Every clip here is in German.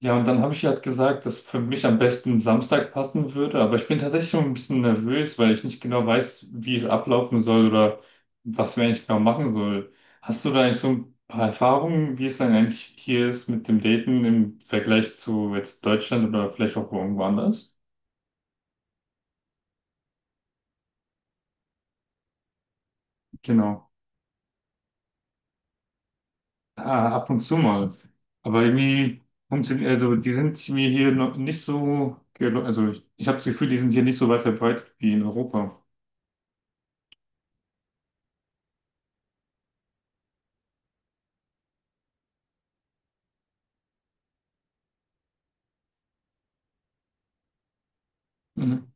Ja, und dann habe ich halt gesagt, dass für mich am besten Samstag passen würde. Aber ich bin tatsächlich schon ein bisschen nervös, weil ich nicht genau weiß, wie es ablaufen soll oder was wir eigentlich genau machen soll. Hast du da eigentlich so ein paar Erfahrungen, wie es dann eigentlich hier ist mit dem Daten im Vergleich zu jetzt Deutschland oder vielleicht auch irgendwo anders? Genau. Ah, ab und zu mal. Aber irgendwie funktioniert, also die sind mir hier noch nicht so, also ich habe das Gefühl, die sind hier nicht so weit verbreitet wie in Europa. Mhm.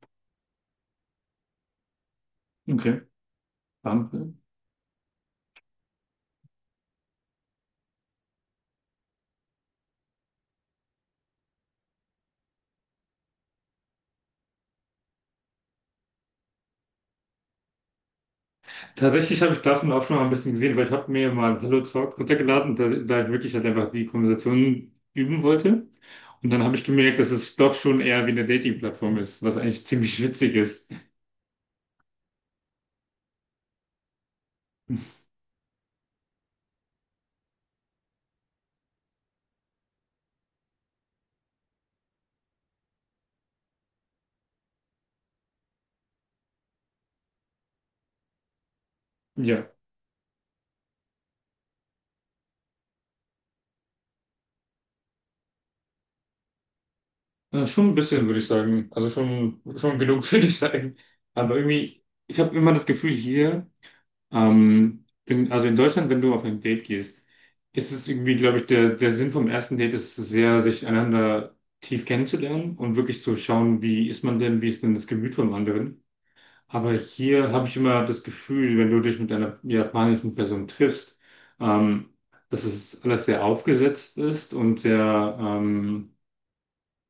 Okay. Danke. Tatsächlich habe ich davon auch schon mal ein bisschen gesehen, weil ich habe mir mal Hello Talk runtergeladen, da ich wirklich halt einfach die Konversation üben wollte. Und dann habe ich gemerkt, dass es doch schon eher wie eine Dating-Plattform ist, was eigentlich ziemlich witzig ist. Ja, schon ein bisschen, würde ich sagen. Also schon genug, würde ich sagen. Aber irgendwie, ich habe immer das Gefühl hier, also in Deutschland, wenn du auf ein Date gehst, ist es irgendwie, glaube ich, der Sinn vom ersten Date ist es sehr, sich einander tief kennenzulernen und wirklich zu schauen, wie ist man denn, wie ist denn das Gemüt vom anderen. Aber hier habe ich immer das Gefühl, wenn du dich mit einer japanischen Person triffst, ähm, dass es alles sehr aufgesetzt ist und sehr,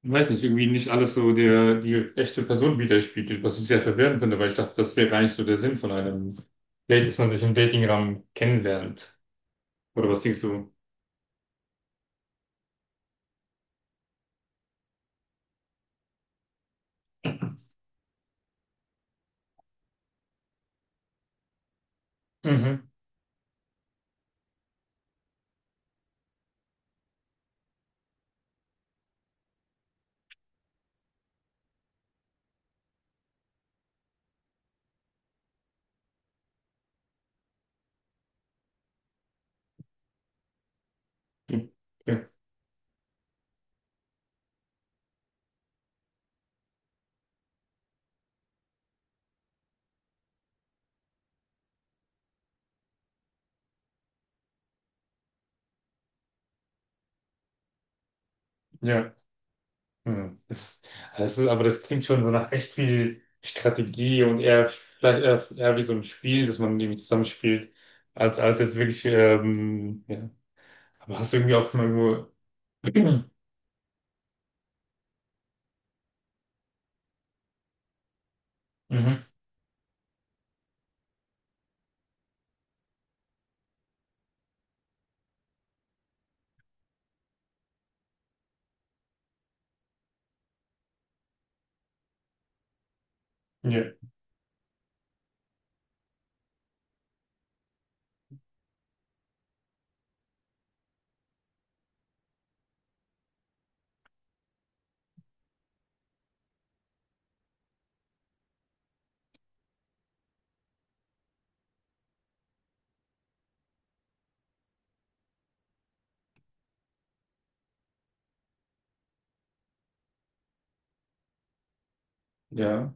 ich weiß nicht, irgendwie nicht alles so der, die echte Person widerspiegelt, was ich sehr verwirrend finde, weil ich dachte, das wäre gar nicht so der Sinn von einem Date, dass man sich im Datingraum kennenlernt. Oder was denkst du? Mhm. Ja, ja. Hm. Aber das klingt schon so nach echt viel Strategie und eher vielleicht eher wie so ein Spiel, dass man irgendwie zusammenspielt, als jetzt wirklich, ja. Aber hast du irgendwie auch schon mal irgendwo. Mhm. Ja. Ja.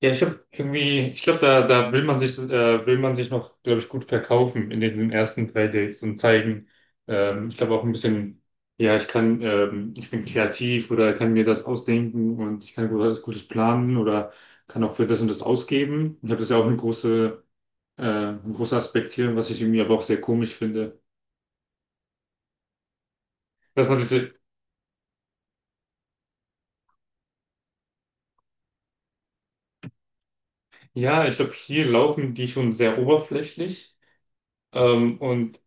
Ja, ich habe irgendwie, ich glaube, da will man sich noch, glaube ich, gut verkaufen in diesen ersten drei Dates und zeigen, ich glaube auch ein bisschen, ja, ich kann, ich bin kreativ oder kann mir das ausdenken und ich kann was Gutes planen oder kann auch für das und das ausgeben. Ich habe das ja auch ein großer Aspekt hier, was ich irgendwie aber auch sehr komisch finde. Dass man sich, ja, ich glaube, hier laufen die schon sehr oberflächlich, ähm, und,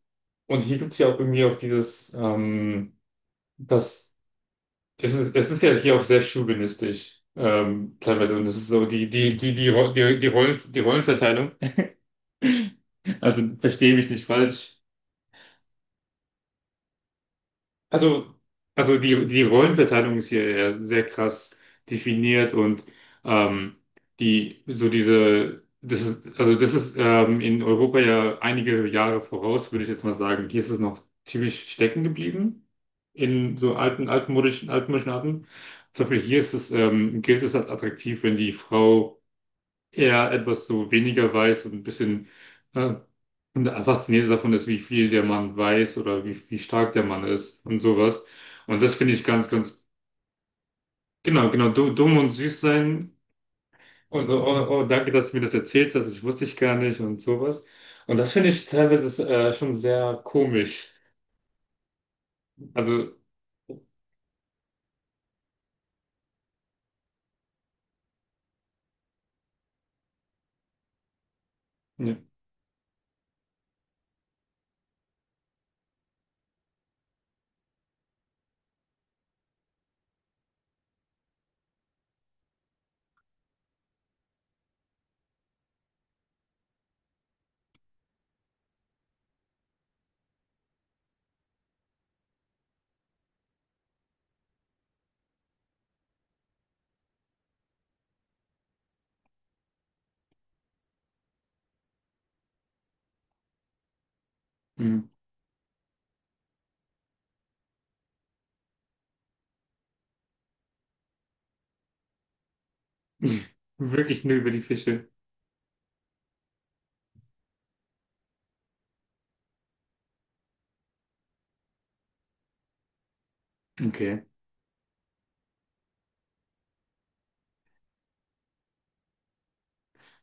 und hier gibt's ja auch irgendwie auch dieses, das das ist ja hier auch sehr chauvinistisch, teilweise. Und das ist so die, die, die, die, Ro- die, die Rollen, die Rollenverteilung. Also verstehe mich nicht falsch. Also, also die Rollenverteilung ist hier ja sehr krass definiert und ähm, also das ist in Europa ja einige Jahre voraus, würde ich jetzt mal sagen. Hier ist es noch ziemlich stecken geblieben in so alten, altmodischen, altmodischen Arten. Zum Beispiel hier ist es, gilt es als attraktiv, wenn die Frau eher etwas so weniger weiß und ein bisschen äh, und fasziniert davon ist, wie viel der Mann weiß oder wie stark der Mann ist und sowas. Und das finde ich ganz, ganz, genau, genau, du, dumm und süß sein. Und oh, oh, oh, danke, dass du mir das erzählt hast, ich wusste ich gar nicht und sowas. Und das finde ich teilweise schon sehr komisch. Also, ja, mm. wirklich nur über die Fische. Okay.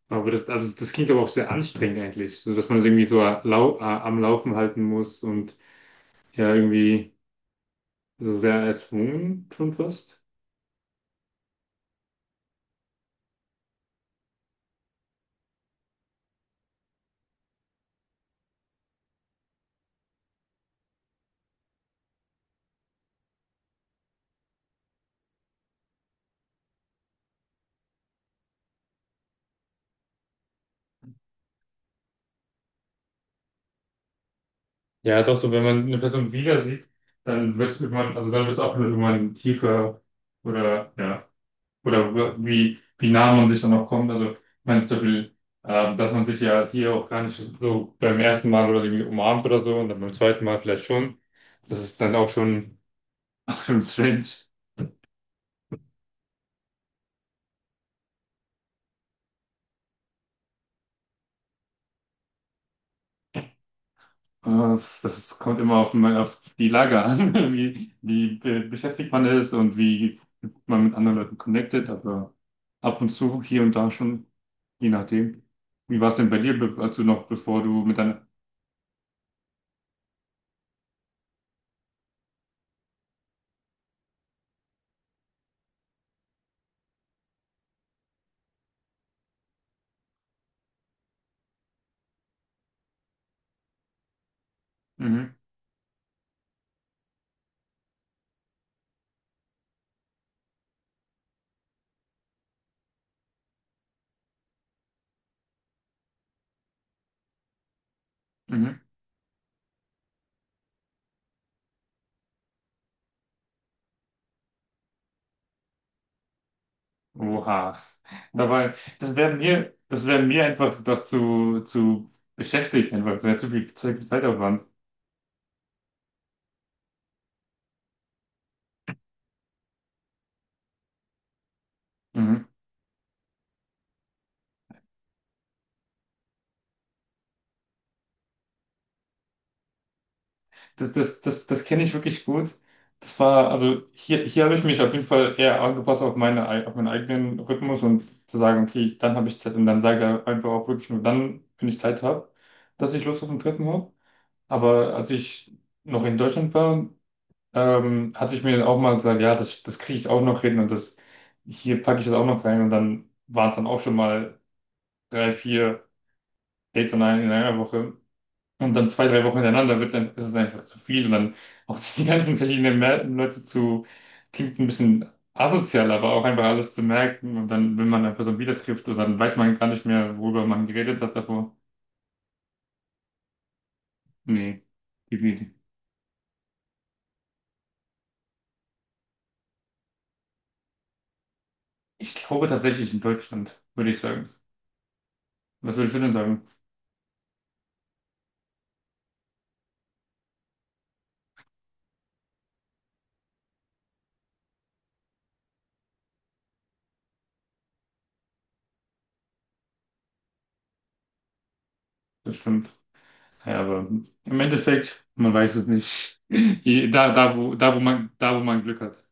Aber also das klingt aber auch sehr anstrengend eigentlich, so dass man es irgendwie so lau am Laufen halten muss und ja irgendwie so sehr erzwungen schon fast. Ja, doch so, wenn man eine Person wieder sieht, dann wird es irgendwann, also dann wird es auch irgendwann tiefer oder ja, oder wie nah man sich dann auch kommt. Also ich meine zum Beispiel, dass man sich ja hier auch gar nicht so beim ersten Mal oder so irgendwie umarmt oder so und dann beim zweiten Mal vielleicht schon. Das ist dann auch schon, schon strange. Äh, Das kommt immer auf die Lage an, wie beschäftigt man ist und wie man mit anderen Leuten connected, aber ab und zu, hier und da schon, je nachdem. Wie war es denn bei dir, bevor du mit deiner... Mhm, mhm. Oha. Dabei, das wäre mir einfach das zu beschäftigt, einfach sehr zu viel Zeit, Zeitaufwand. Mhm. Das kenne ich wirklich gut. Das war, also hier habe ich mich auf jeden Fall eher angepasst auf meinen eigenen Rhythmus und zu sagen, okay, dann habe ich Zeit und dann sage ich einfach auch wirklich nur dann, wenn ich Zeit habe, dass ich Lust auf einen Treppen habe. Aber als ich noch in Deutschland war, hatte ich mir auch mal gesagt, ja, das kriege ich auch noch hin und hier packe ich das auch noch rein und dann waren es dann auch schon mal drei, vier Dates in einer Woche. Und dann zwei, drei Wochen hintereinander ist es einfach zu viel. Und dann auch die ganzen verschiedenen Leute zu, klingt ein bisschen asozial, aber auch einfach alles zu merken. Und dann, wenn man eine Person wieder trifft, und dann weiß man gar nicht mehr, worüber man geredet hat davor. Nee, Gebiet. Ich glaube tatsächlich in Deutschland, würde ich sagen. Was würdest du denn sagen? Das stimmt. Ja, aber im Endeffekt, man weiß es nicht. Da, wo man Glück hat.